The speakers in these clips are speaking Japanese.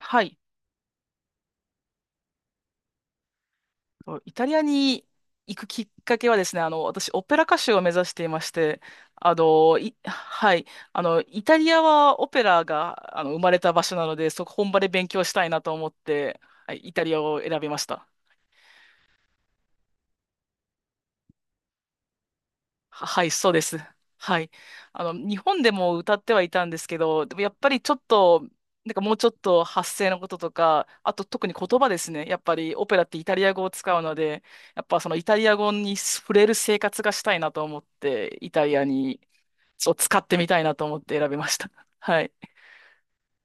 はい。イタリアに行くきっかけはですね、私、オペラ歌手を目指していまして、はい。イタリアはオペラが、生まれた場所なので、そこ本場で勉強したいなと思って、はい、イタリアを選びました。はい、そうです。はい。日本でも歌ってはいたんですけど、でもやっぱりちょっと、なんかもうちょっと発声のこととか、あと特に言葉ですね。やっぱりオペラってイタリア語を使うので、やっぱそのイタリア語に触れる生活がしたいなと思って、イタリアに、そう使ってみたいなと思って選びました。はい。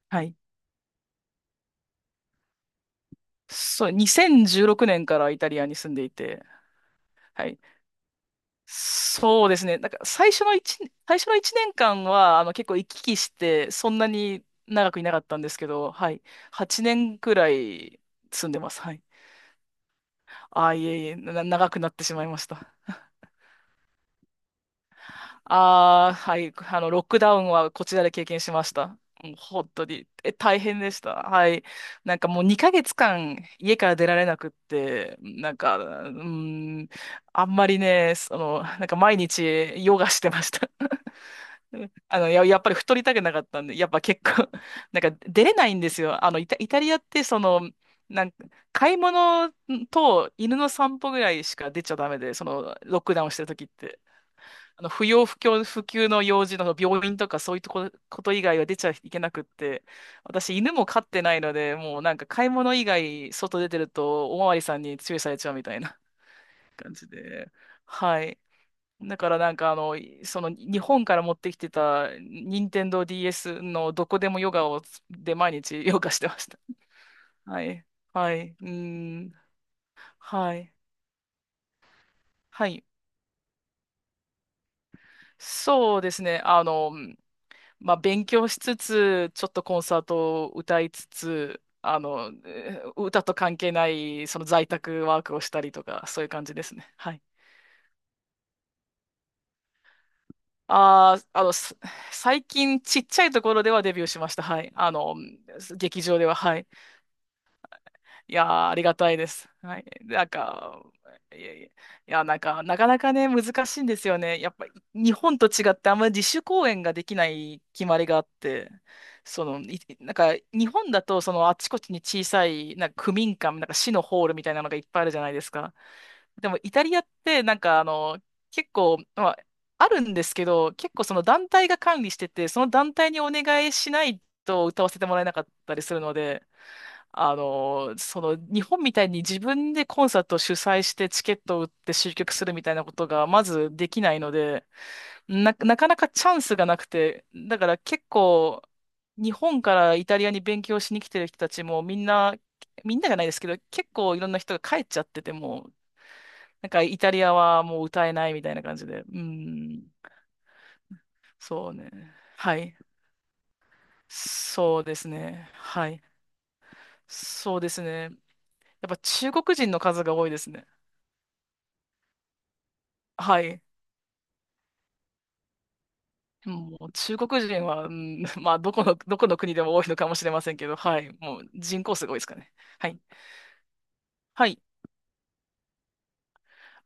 はい。そう、2016年からイタリアに住んでいて、はい。そうですね。なんか最初の一年間は、結構行き来して、そんなに長くいなかったんですけど、はい。8年くらい住んでます。はい。ああ、いえいえ、長くなってしまいました。ああ、はい。ロックダウンはこちらで経験しました。もう本当に、大変でした。はい。なんかもう2ヶ月間家から出られなくって、なんか、うん、あんまりね、その、なんか毎日ヨガしてました。うんやっぱり太りたくなかったんで、やっぱ結構 なんか出れないんですよ。イタリアって、その、なんか、買い物と犬の散歩ぐらいしか出ちゃダメで、その、ロックダウンしてる時って。不急の用事の病院とかそういうこと以外は出ちゃいけなくって、私犬も飼ってないので、もうなんか買い物以外外出てると、おまわりさんに注意されちゃうみたいな感じで。はい。だからなんかその日本から持ってきてた任天堂 DS のどこでもヨガをで毎日ヨガしてました。はい。はい。うーん。はい。はい。そうですね。まあ、勉強しつつ、ちょっとコンサートを歌いつつ、歌と関係ないその在宅ワークをしたりとか、そういう感じですね。はい。ああ、最近ちっちゃいところではデビューしました。はい。劇場では。はい。いやー、ありがたいです。はい。なんか、いやいや、いや、なんか、なかなかね、難しいんですよね。やっぱ、日本と違って、あんまり自主公演ができない決まりがあって、その、なんか、日本だと、その、あちこちに小さい、なんか、区民館、なんか、市のホールみたいなのがいっぱいあるじゃないですか。でも、イタリアって、なんか、結構、まあ、あるんですけど、結構、その、団体が管理してて、その団体にお願いしないと歌わせてもらえなかったりするので、その日本みたいに自分でコンサートを主催してチケットを売って集客するみたいなことがまずできないので、なかなかチャンスがなくて、だから結構日本からイタリアに勉強しに来てる人たちもみんな、みんながないですけど、結構いろんな人が帰っちゃっててもう、なんかイタリアはもう歌えないみたいな感じで、うん、そうね。はい。そうですね。はい。そうですね。やっぱ中国人の数が多いですね。はい。もう中国人は、うん、まあ、どこの国でも多いのかもしれませんけど、はい。もう人口すごいですかね。はい。はい。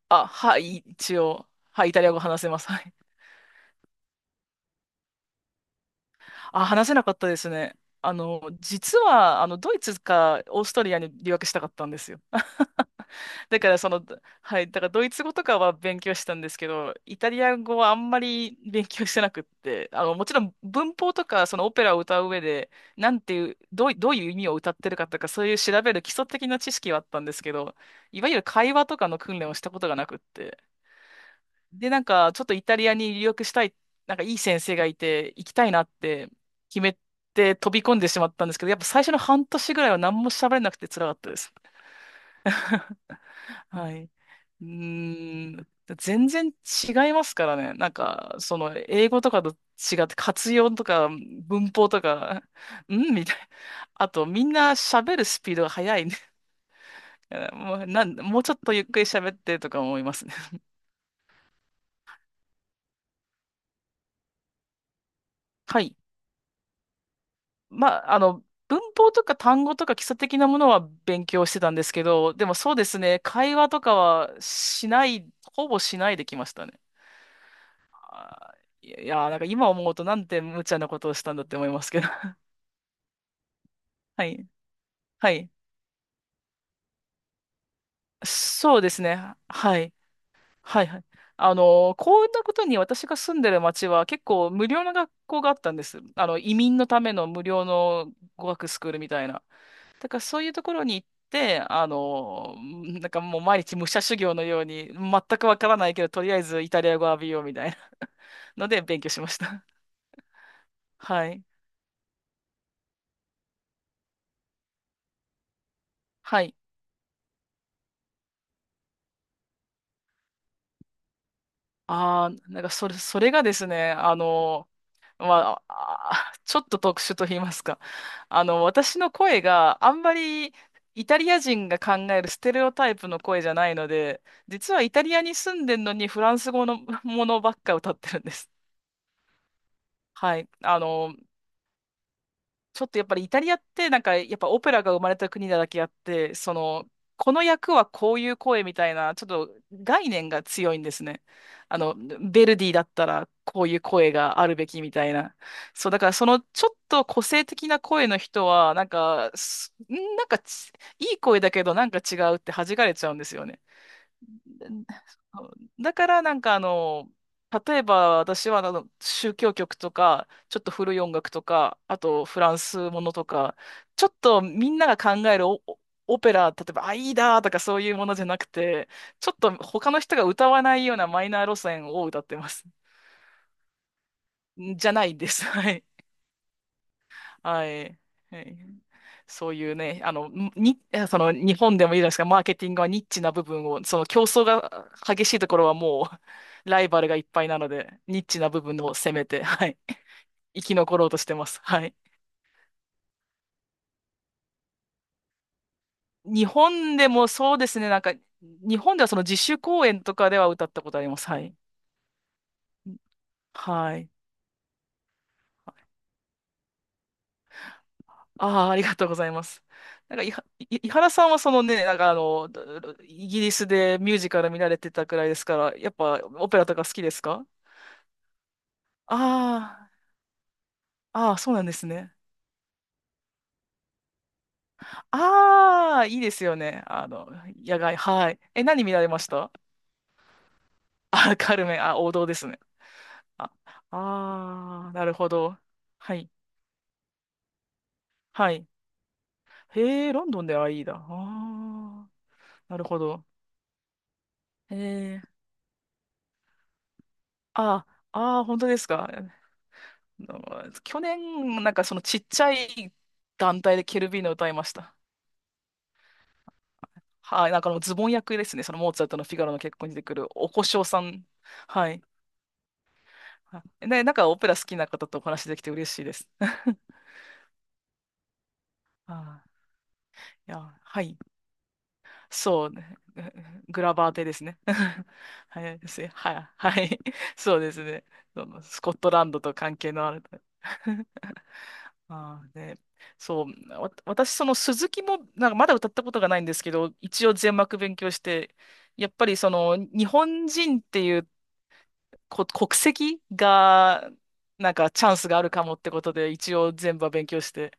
あ、はい。一応、はい。イタリア語話せます。はい。あ、話せなかったですね。実は、ドイツかオーストリアに留学したかったんですよ。だからその、はい、だからドイツ語とかは勉強したんですけど、イタリア語はあんまり勉強してなくって、もちろん文法とかそのオペラを歌う上で、なんていう、どういう意味を歌ってるかとか、そういう調べる基礎的な知識はあったんですけど、いわゆる会話とかの訓練をしたことがなくって。で、なんかちょっとイタリアに留学したい、なんかいい先生がいて、行きたいなって決めて飛び込んでしまったんですけど、やっぱ最初の半年ぐらいは何も喋れなくて辛かったです。はい。うーん、全然違いますからね。なんか、その、英語とかと違って、活用とか、文法とか、うんみたいな。あと、みんな喋るスピードが速いね。もう、もうちょっとゆっくり喋ってとか思いますね。はい。まあ、文法とか単語とか基礎的なものは勉強してたんですけど、でもそうですね、会話とかはしない、ほぼしないできましたね。あいや、いやなんか今思うとなんて無茶なことをしたんだって思いますけど。はい。はい。そうですね。はい。はい。はい。こんなことに私が住んでる町は結構無料の学校があったんです。移民のための無料の語学スクールみたいな。だからそういうところに行って、なんかもう毎日武者修行のように、全くわからないけど、とりあえずイタリア語を浴びようみたいな ので勉強しました。はい。はい。ああ、なんかそれがですね、まあ、ちょっと特殊と言いますか。私の声があんまりイタリア人が考えるステレオタイプの声じゃないので、実はイタリアに住んでるのにフランス語のものばっか歌ってるんです。はい。ちょっとやっぱりイタリアってなんかやっぱオペラが生まれた国なだけあって、その、この役はこういう声みたいな、ちょっと概念が強いんですね。ヴェルディだったらこういう声があるべきみたいな。そう、だからそのちょっと個性的な声の人は、なんか、すんなんかちいい声だけどなんか違うって弾かれちゃうんですよね。だからなんか例えば私は宗教曲とか、ちょっと古い音楽とか、あとフランスものとか、ちょっとみんなが考えるオペラ、例えばアイダーとかそういうものじゃなくて、ちょっと他の人が歌わないようなマイナー路線を歌ってます。じゃないです。はいはい。はい。そういうね、に、その日本でもいいじゃないですか、マーケティングはニッチな部分を、その競争が激しいところはもう、ライバルがいっぱいなので、ニッチな部分を攻めて、はい、生き残ろうとしてます。はい。日本でもそうですね、なんか、日本ではその自主公演とかでは歌ったことあります。はい。はい。ああ、ありがとうございます。なんか、いは、い井原さんはそのね、なんかあの、イギリスでミュージカル見られてたくらいですから、やっぱオペラとか好きですか？ああ、ああ、そうなんですね。ああ、いいですよね。あの、野外、はい。え、何見られました？あ、カルメン、あ、王道ですね。あ、ああ、なるほど。はい、はい。へえ、ロンドンではいいだ。ああ、なるほど。へえ、ああ、ああ、本当ですか。うん、去年、なんかそのちっちゃい団体でケルビーノ歌いました。はい、なんかあのズボン役ですね、そのモーツァルトのフィガロの結婚に出てくるお小姓さん。はい。はね、なんかオペラ好きな方とお話できて嬉しいです。あー、いや、はい。そうね、グラバーテですね。はい、ですね。はい、はい。そうですね。そのスコットランドと関係のある。ああ、で、私、その鈴木も、なんかまだ歌ったことがないんですけど、一応全幕勉強して、やっぱりその、日本人っていう国籍が、なんかチャンスがあるかもってことで、一応全部は勉強して、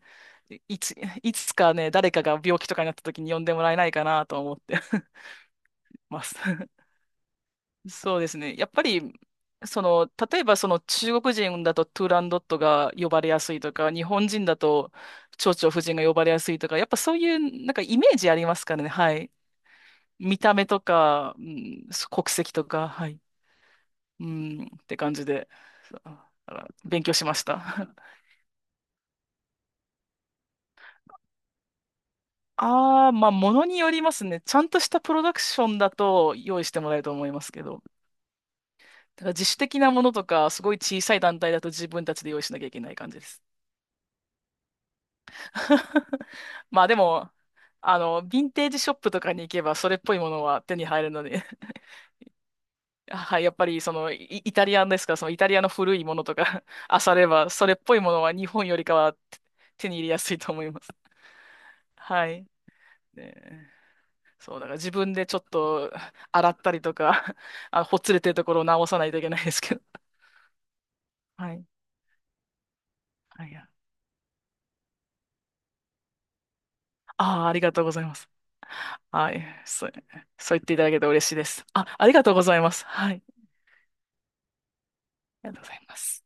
いいつ、いつかね、誰かが病気とかになった時に呼んでもらえないかなと思って ます。そうですね。やっぱり、その、例えばその中国人だとトゥーランドットが呼ばれやすいとか、日本人だと蝶々夫人が呼ばれやすいとか、やっぱそういうなんかイメージありますからね。はい。見た目とか、うん、国籍とか、はい。うん、って感じで、そうだから勉強しました。ああ、まあ、ものによりますね。ちゃんとしたプロダクションだと用意してもらえると思いますけど、だから自主的なものとか、すごい小さい団体だと自分たちで用意しなきゃいけない感じです。まあでも、あの、ヴィンテージショップとかに行けばそれっぽいものは手に入るので、はい、やっぱりそのイタリアンですから、そのイタリアの古いものとか 漁れば、それっぽいものは日本よりかは手に入れやすいと思います。はい。ねそう、だから自分でちょっと洗ったりとか、あ、ほつれてるところを直さないといけないですけど。はい。はい。ああ、ありがとうございます。はい。そう、そう言っていただけて嬉しいです。あ、ありがとうございます。はい。ありがとうございます。